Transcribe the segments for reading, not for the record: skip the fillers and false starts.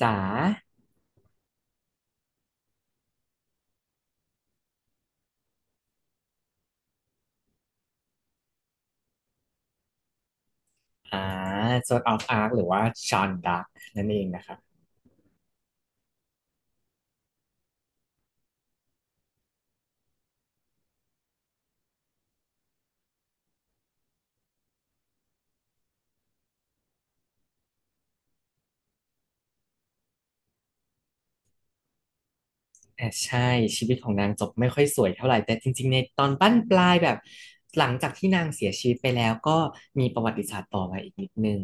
จ๋าอ่าโซนออฟอาร์คหรือว่าชอนดักนั่นเองนะครับใช่ชีวิตของนางจบไม่ค่อยสวยเท่าไหร่แต่จริงๆในตอนบั้นปลายแบบหลังจากที่นางเสียชีวิตไปแล้วก็มีประวัติศาสตร์ต่อมาอีกนิดนึง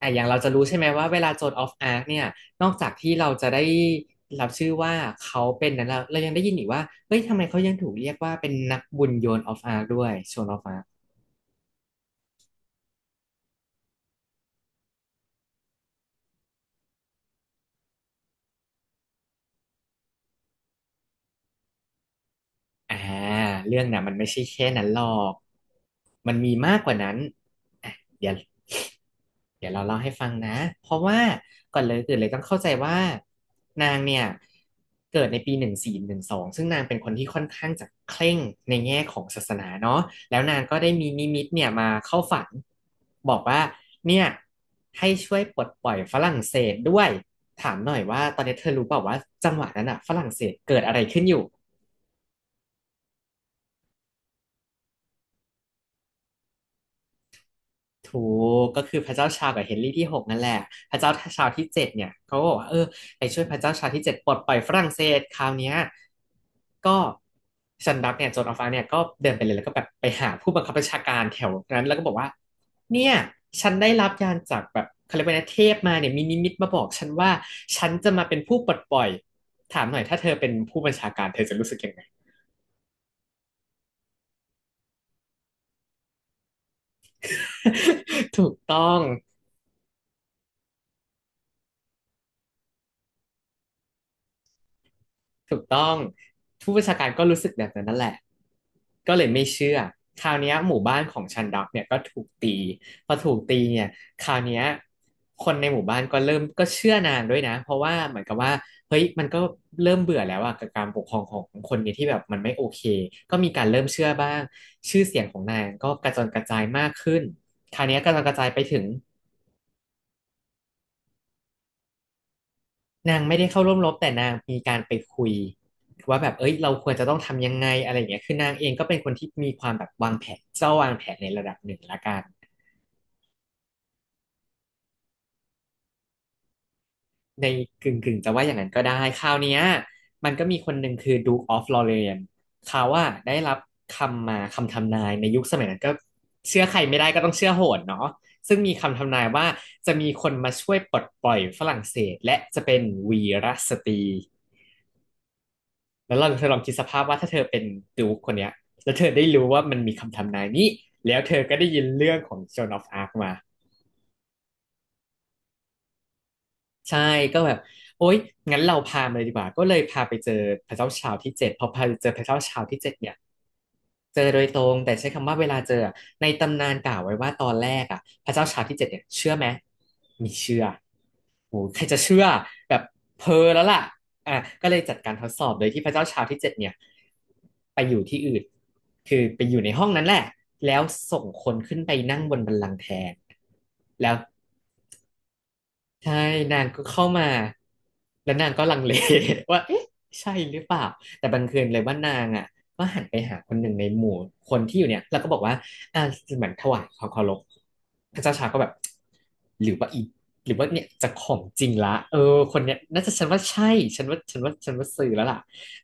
อย่างเราจะรู้ใช่ไหมว่าเวลาโซนออฟอาร์คเนี่ยนอกจากที่เราจะได้รับชื่อว่าเขาเป็นนั้นแล้วเรายังได้ยินอีกว่าเฮ้ยทำไมเขายังถูกเรียกว่าเป็นนักบุญโยนออฟอาร์คด้วยโซนออฟอาร์ค อ่าเรื่องน่ะมันไม่ใช่แค่นั้นหรอกมันมีมากกว่านั้นอ่ะเดี๋ยวเดี๋ยวเราเล่าให้ฟังนะเพราะว่าก่อนเลยอื่นเลยต้องเข้าใจว่านางเนี่ยเกิดในปี1412ซึ่งนางเป็นคนที่ค่อนข้างจะเคร่งในแง่ของศาสนาเนาะแล้วนางก็ได้มีนิมิตเนี่ยมาเข้าฝันบอกว่าเนี่ยให้ช่วยปลดปล่อยฝรั่งเศสด้วยถามหน่อยว่าตอนนี้เธอรู้เปล่าว่าจังหวะนั้นอะฝรั่งเศสเกิดอะไรขึ้นอยู่ ถูกก็คือพระเจ้าชากับเฮนรี่ที่หกนั่นแหละพระเจ้าชาที่เจ็ดเนี่ยเขาก็บอกว่าเออไปช่วยพระเจ้าชาที่เจ็ดปลดปล่อยฝรั่งเศสคราวเนี้ยก็ซันดักเนี่ยโจนออฟฟ้าเนี่ยก็เดินไปเลยแล้วก็แบบไปหาผู้บังคับบัญชาการแถวนั้นแล้วก็บอกว่าเนี่ยฉันได้รับยานจากแบบเขาเรียกว่านะเทพมาเนี่ยมีนิมิตมาบอกฉันว่าฉันจะมาเป็นผู้ปลดปล่อยถามหน่อยถ้าเธอเป็นผู้บัญชาการเธอจะรู้สึกยังไง ถูกต้อง ถูกต้องผู้บัญชาการก็รู้สึกแบบนั้นนั่นแหละก็เลยไม่เชื่อคราวเนี้ยหมู่บ้านของชันดักเนี่ยก็ถูกตีพอถูกตีเนี่ยคราวเนี้ยคนในหมู่บ้านก็เริ่มก็เชื่อนานด้วยนะเพราะว่าเหมือนกับว่าเฮ้ยมันก็เริ่มเบื่อแล้วอะกับการปกครองของคนนี้ที่แบบมันไม่โอเคก็มีการเริ่มเชื่อบ้างชื่อเสียงของนางก็กระจอนกระจายมากขึ้นคราวเนี้ยกระจอนกระจายไปถึง นางไม่ได้เข้าร่วมรบแต่นางมีการไปคุยว่าแบบเอ้ยเราควรจะต้องทำยังไงอะไรอย่างเงี้ยคือนางเองก็เป็นคนที่มีความแบบวางแผนเจ้าวางแผนในระดับหนึ่งละกันในกึ่งกึ่งจะว่าอย่างนั้นก็ได้คราวเนี้ยมันก็มีคนหนึ่งคือ Duke of Lorraine เขาว่าได้รับคำทำนายในยุคสมัยนั้นก็เชื่อใครไม่ได้ก็ต้องเชื่อโหนเนาะซึ่งมีคำทำนายว่าจะมีคนมาช่วยปลดปล่อยฝรั่งเศสและจะเป็นวีรสตรี แล้วเราเธอลองคิดสภาพว่าถ้าเธอเป็นดูคคนเนี้ยแล้วเธอได้รู้ว่ามันมีคำทำนายนี้แล้วเธอก็ได้ยินเรื่องของ Joan of Arc มา ใช่ก็แบบโอ๊ยงั้นเราพามาเลยดีกว่าก็เลยพาไปเจอพระเจ้าชาวที่เจ็ดพอพาไปเจอพระเจ้าชาวที่เจ็ดเนี่ยเจอโดยตรงแต่ใช้คำว่าเวลาเจออะในตำนานกล่าวไว้ว่าตอนแรกพระเจ้าชาวที่เจ็ดเนี่ยเชื่อไหมไมีเชื่อโอ้ใครจะเชื่อแบบเพอแล้วล่ะอ่ะก็เลยจัดการทดสอบโดยที่พระเจ้าชาวที่เจ็ดเนี่ยไปอยู่ที่อื่นคือไปอยู่ในห้องนั้นแหละแล้วส่งคนขึ้นไปนั่งบนบัลลังก์แทนแล้ว ใช่นางก็เข้ามาแล้วนางก็ลังเล ว่าเอ๊ะใช่หรือเปล่าแต่บังเอิญเลยว่านางอ่ะก็หันไปหาคนหนึ่งในหมู่คนที่อยู่เนี่ยแล้วก็บอกว่าอ่าเหมือนถวายความเคารพพระเจ้าชายก็แบบหรือว่าอีหรือว่าเนี่ยจะของจริงละเออคนเนี้ยน่าจะฉันว่าใช่ฉันว่าซื้อแล้วล่ะ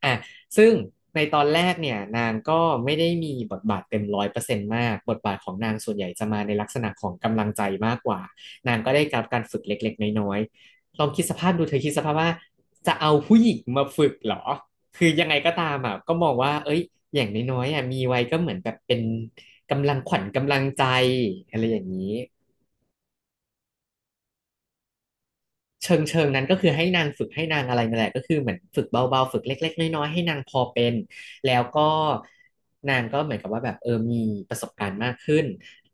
อ่ะซึ่งในตอนแรกเนี่ยนางก็ไม่ได้มีบทบาทเต็ม100%มากบทบาทของนางส่วนใหญ่จะมาในลักษณะของกำลังใจมากกว่า นางก็ได้รับการฝึกเล็กๆน้อยๆลองคิดสภาพดูเธอคิดสภาพว่าจะเอาผู้หญิงมาฝึกเหรอ คือยังไงก็ตามอ่ะก็มองว่าเอ้ยอย่างน้อยๆอ่ะมีไว้ก็เหมือนแบบเป็นกำลังขวัญกำลังใจอะไรอย่างนี้ เชิงเชิงนั้นก็คือให้นางฝึกให้นางอะไรนั่นแหละก็คือเหมือนฝึกเบาๆฝึกเล็กๆน้อยๆให้นางพอเป็นแล้วก็นางก็เหมือนกับว่าแบบมีประสบการณ์มากขึ้น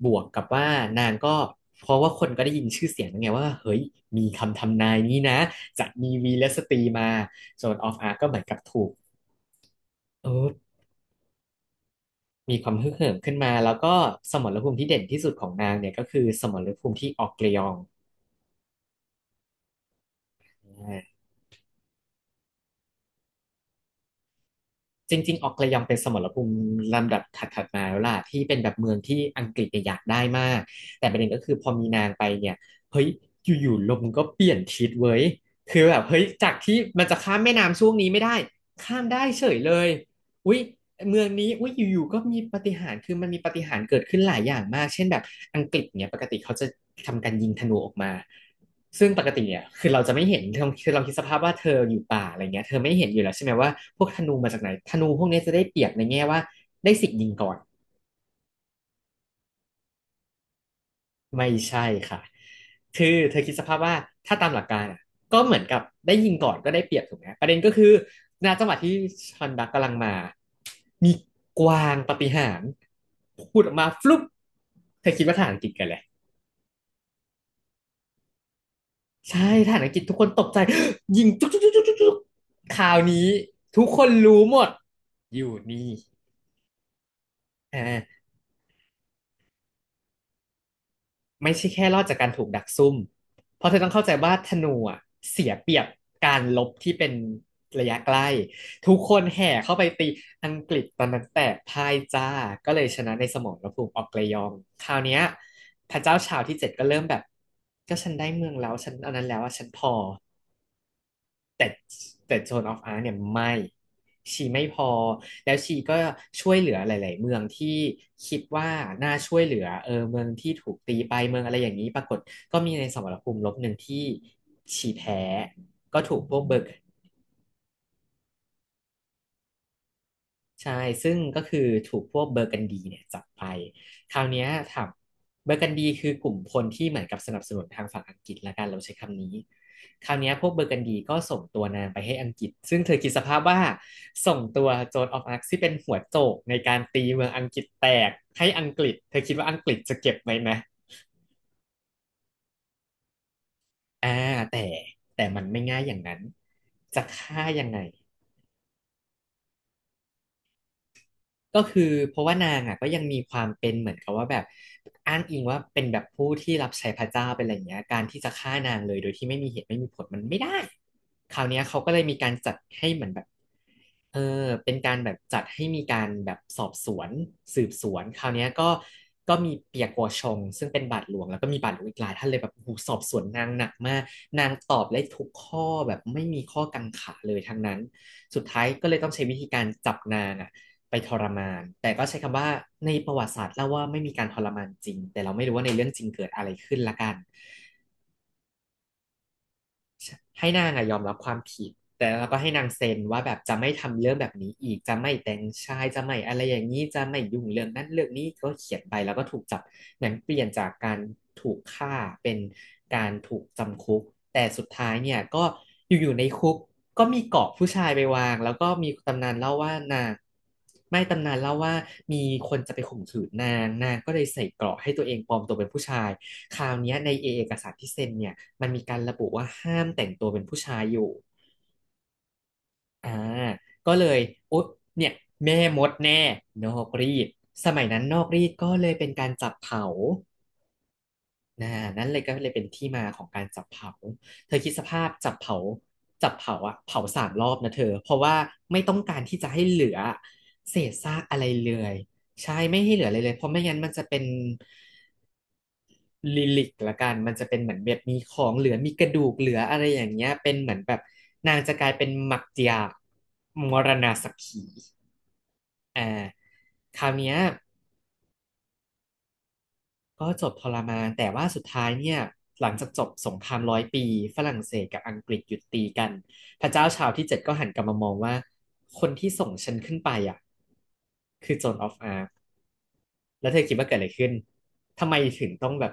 บวกกับว่านางก็เพราะว่าคนก็ได้ยินชื่อเสียงแั้ไงว่าเฮ้ยมีคำทำนายนี้นะจะมีวีรสตรีมาโซนออฟอาร์ก็เหมือนกับถูกเออมีความฮึกเหิมขึ้นมาแล้วก็สมรภูมิที่เด่นที่สุดของนางเนี่ยก็คือสมรภูมิที่ออกเกลียงอ จริงๆออกระยองเป็นสมรภูมิลำดับถัดๆมาแล้วล่ะที่เป็นแบบเมืองที่อังกฤษเนี่ยอยากได้มากแต่ประเด็นก็คือพอมีนางไปเนี่ยเฮ้ยอยู่ๆลมก็เปลี่ยนทิศเว้ยคือแบบเฮ้ยจากที่มันจะข้ามแม่น้ำช่วงนี้ไม่ได้ข้ามได้เฉยเลย อุ๊ยเมืองนี้อุ๊ยอยู่ๆก็มีปาฏิหาริย์คือมันมีปาฏิหาริย์เกิดขึ้นหลายอย่างมากเช่นแบบอังกฤษเนี่ยปกติเขาจะทำการยิงธนูออกมาซึ่งปกติเนี่ยคือเราจะไม่เห็นคือเราคิดสภาพว่าเธออยู่ป่าอะไรเงี้ยเธอไม่เห็นอยู่แล้วใช่ไหมว่าพวกธนูมาจากไหนธนูพวกเนี้ยจะได้เปรียบในแง่ว่าได้สิทธิ์ยิงก่อน ไม่ใช่ค่ะ คือเธอคิดสภาพว่าถ้าตามหลักการอะก็เหมือนกับได้ยิงก่อนก็ได้เปรียบถูกไหมประเด็นก็คือณจังหวะที่ชอนดักกำลังมามีกวางปาฏิหาริย์พูดออกมาฟลุ๊ปเธอคิดว่าทหารอังกฤษกันเลยใช่ทหารอังกฤษทุกคนตกใจ ยิงจุ๊กจุ๊กจุ๊กจุ๊กจุ๊กข่าวนี้ทุกคนรู้หมดอยู่นี่อ่า ไม่ใช่แค่รอดจากการถูกดักซุ่ม เพราะเธอต้องเข้าใจว่าธนูอะเสียเปรียบการลบที่เป็นระยะใกล้ทุกคนแห่เข้าไปตีอังกฤษตอนนั้นแตกพ่ายจ้าก็เลยชนะในสมรภูมิออกเกรยองคราวเนี้ยพระเจ้าชาวที่เจ็ดก็เริ่มแบบก็ฉันได้เมืองแล้วฉันอันนั้นแล้วอะฉันพอ แต่แต่โซนออฟอาร์เนี่ยไม่ชีไม่พอแล้วชีก็ช่วยเหลือหลายๆเมืองที่คิดว่าน่าช่วยเหลือเมืองที่ถูกตีไปเมืองอะไรอย่างนี้ปรากฏก็มีในสมรภูมิรบหนึ่งที่ชีแพ้ก็ถูกพวกเบอร์ ใช่ซึ่งก็คือถูกพวกเบอร์กันดีเนี่ยจับไป คราวเนี้ยถามเบอร์กันดีคือกลุ่มคนที่เหมือนกับสนับสนุนทางฝั่งอังกฤษละกันเราใช้คำนี้คราวเนี้ยพวกเบอร์กันดีก็ส่งตัวนางไปให้อังกฤษซึ่งเธอคิดสภาพว่าส่งตัวโจนออฟอาร์คที่เป็นหัวโจกในการตีเมืองอังกฤษแตกให้อังกฤษเธอคิดว่าอังกฤษจะเก็บไหมนะอ่าแต่แต่มันไม่ง่ายอย่างนั้นจะฆ่ายังไง ก็คือเพราะว่านางอ่ะก็ยังมีความเป็นเหมือนกับว่าแบบอ้างอิงว่าเป็นแบบผู้ที่รับใช้พระเจ้าเป็นอะไรอย่างเงี้ยการที่จะฆ่านางเลยโดยที่ไม่มีเหตุไม่มีผลมันไม่ได้คราวเนี้ยเขาก็เลยมีการจัดให้เหมือนแบบเออเป็นการแบบจัดให้มีการแบบสอบสวนสืบสวนคราวเนี้ยก็มีเปียกัวชงซึ่งเป็นบาทหลวงแล้วก็มีบาทหลวงอีกหลายท่านเลยแบบโอ้โหสอบสวนนางหนักมากนางตอบได้ทุกข้อแบบไม่มีข้อกังขาเลยทั้งนั้นสุดท้ายก็เลยต้องใช้วิธีการจับนางอ่ะ ไปทรมาน แต่ก็ใช้คำว่าในประวัติศาสตร์เล่าว่าไม่มีการทรมานจริง แต่เราไม่รู้ว่าในเรื่องจริงเกิดอะไรขึ้นละกัน ให้นางอะยอมรับความผิดแต่แล้วก็ให้นางเซ็นว่าแบบจะไม่ทำเรื่องแบบนี้อีกจะไม่แต่งชายจะไม่อะไรอย่างนี้จะไม่ยุ่งเรื่องนั้นเรื่องนี้ก็เขียนไปแล้วก็ถูกจับหนังเปลี่ยนจากการถูกฆ่าเป็นการถูกจำคุกแต่สุดท้ายเนี่ยก็อยู่ๆในคุกก็มีเกาะผู้ชายไปวางแล้วก็มีตำนานเล่าว่านางไม่ตำนานเล่าว่ามีคนจะไปข่มขืนนางนางก็เลยใส่เกราะให้ตัวเองปลอมตัวเป็นผู้ชาย คราวเนี้ยในเอกสารที่เซ็นเนี่ยมันมีการระบุว่าห้ามแต่งตัวเป็นผู้ชายอยู่อ่าก็เลยโอ๊ยเนี่ยแม่มดแน่นอกรีดสมัยนั้นนอกรีดก็เลยเป็นการจับเผานะนั่นเลยก็เลยเป็นที่มาของการจับเผาเธอคิดสภาพจับเผาจับเผาอะเผา3 รอบนะเธอเพราะว่าไม่ต้องการที่จะให้เหลือเศษซากอะไรเลยใช่ไม่ให้เหลืออะไรเลยเพราะไม่งั้นมันจะเป็น ลิลิกละกันมันจะเป็นเหมือนแบบมีของเหลือมีกระดูกเหลืออะไรอย่างเงี้ยเป็นเหมือนแบบนางจะกลายเป็นหมักเจียกหมักผีอ่าคราวเนี้ยก็จบทรมานแต่ว่าสุดท้ายเนี่ยหลังจากจบสงครามร้อยปีฝรั่งเศสกับอังกฤษหยุดตีกันพระเจ้าชาวที่เจ็ดก็หันกลับมามองว่าคนที่ส่งฉันขึ้นไปอ่ะคือโจนออฟอาร์แล้วเธอคิดว่าเกิดอะไรขึ้นทำไมถึงต้องแบบ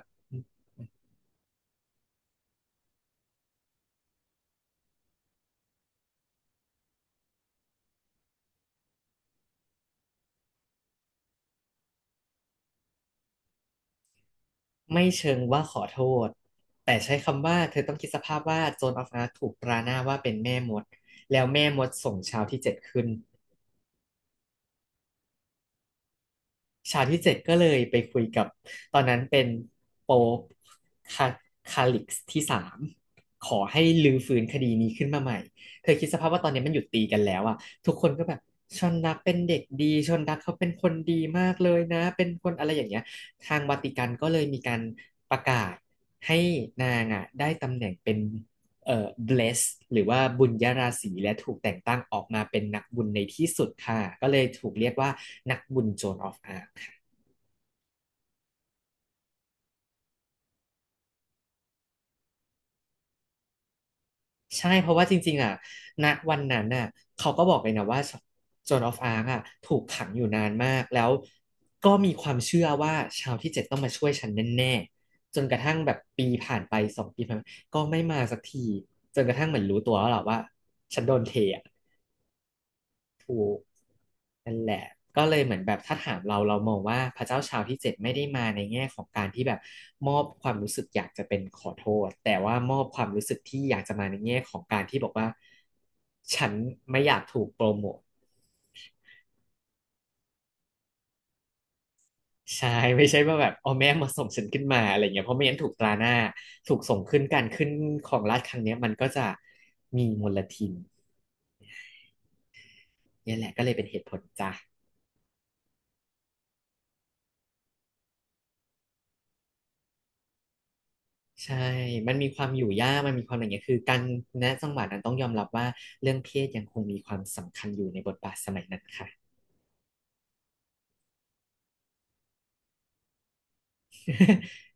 ไม่เชิงว่าขอโทษแต่ใช้คำว่าเธอต้องคิดสภาพว่าโจนออฟอาร์คถูกประณามว่าเป็นแม่มดแล้วแม่มดส่งชาวที่เจ็ดขึ้น ฉากที่ 7ก็เลยไปคุยกับตอนนั้นเป็นโป๊ปคาคาลิกส์ที่ 3ขอให้ลื้อฟื้นคดีนี้ขึ้นมาใหม่ เธอคิดสภาพว่าตอนนี้มันหยุดตีกันแล้วอ่ะทุกคนก็แบบชนรักเป็นเด็กดีชนรักเขาเป็นคนดีมากเลยนะเป็นคนอะไรอย่างเงี้ยทางวาติกันก็เลยมีการประกาศให้นางอ่ะได้ตำแหน่งเป็นblessed หรือว่าบุญยราศีและถูกแต่งตั้งออกมาเป็นนักบุญในที่สุดค่ะก็เลยถูกเรียกว่านักบุญโจ a of Arc ใช่เพราะว่าจริงๆอ่ะณวันนั้นน่ะเขาก็บอกเลยนะว่าโจนออฟอาร์กอ่ะถูกขังอยู่นานมากแล้วก็มีความเชื่อว่าชาวที่เจ็ดต้องมาช่วยฉันแน่ๆจนกระทั่งแบบปีผ่านไป2 ปีผ่านไปก็ไม่มาสักทีจนกระทั่งเหมือนรู้ตัวแล้วแหรอว่าฉันโดนเทอ่ะ นั่นแหละก็เลยเหมือนแบบถ้าถามเราเรามองว่าพระเจ้าชาวที่เจ็ดไม่ได้มาในแง่ของการที่แบบมอบความรู้สึกอยากจะเป็นขอโทษแต่ว่ามอบความรู้สึกที่อยากจะมาในแง่ของการที่บอกว่าฉันไม่อยากถูกโปรโมทใช่ไม่ใช่ว่าแบบอ๋อแม่มาส่งฉันขึ้นมาอะไรเงี้ยเพราะไม่งั้นถูกตราหน้าถูกส่งขึ้นการขึ้นของราชย์ครั้งเนี้ยมันก็จะมีมลทินเนี่แหละก็เลยเป็นเหตุผลจ้ะ ใช่มันมีความอยู่ยากมันมีความอะไรเงี้ยคือการณจังหวะนั้นต้องยอมรับว่าเรื่องเพศยังคงมีความสำคัญอยู่ในบทบาทสมัยนั้นค่ะ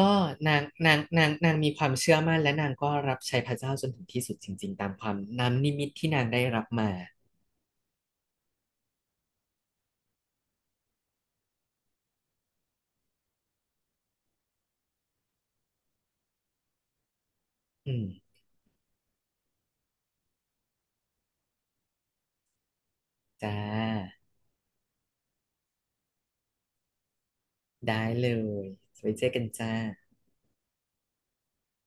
ก็นางมีความเชื่อมั่นและนางก็รับใช้พระเจ้าจนถึงที่สุดจริงๆตามความน้ำนิมิตที่นางได้รับมาอืมจ้าได้เลยไว้เจอกันจ้า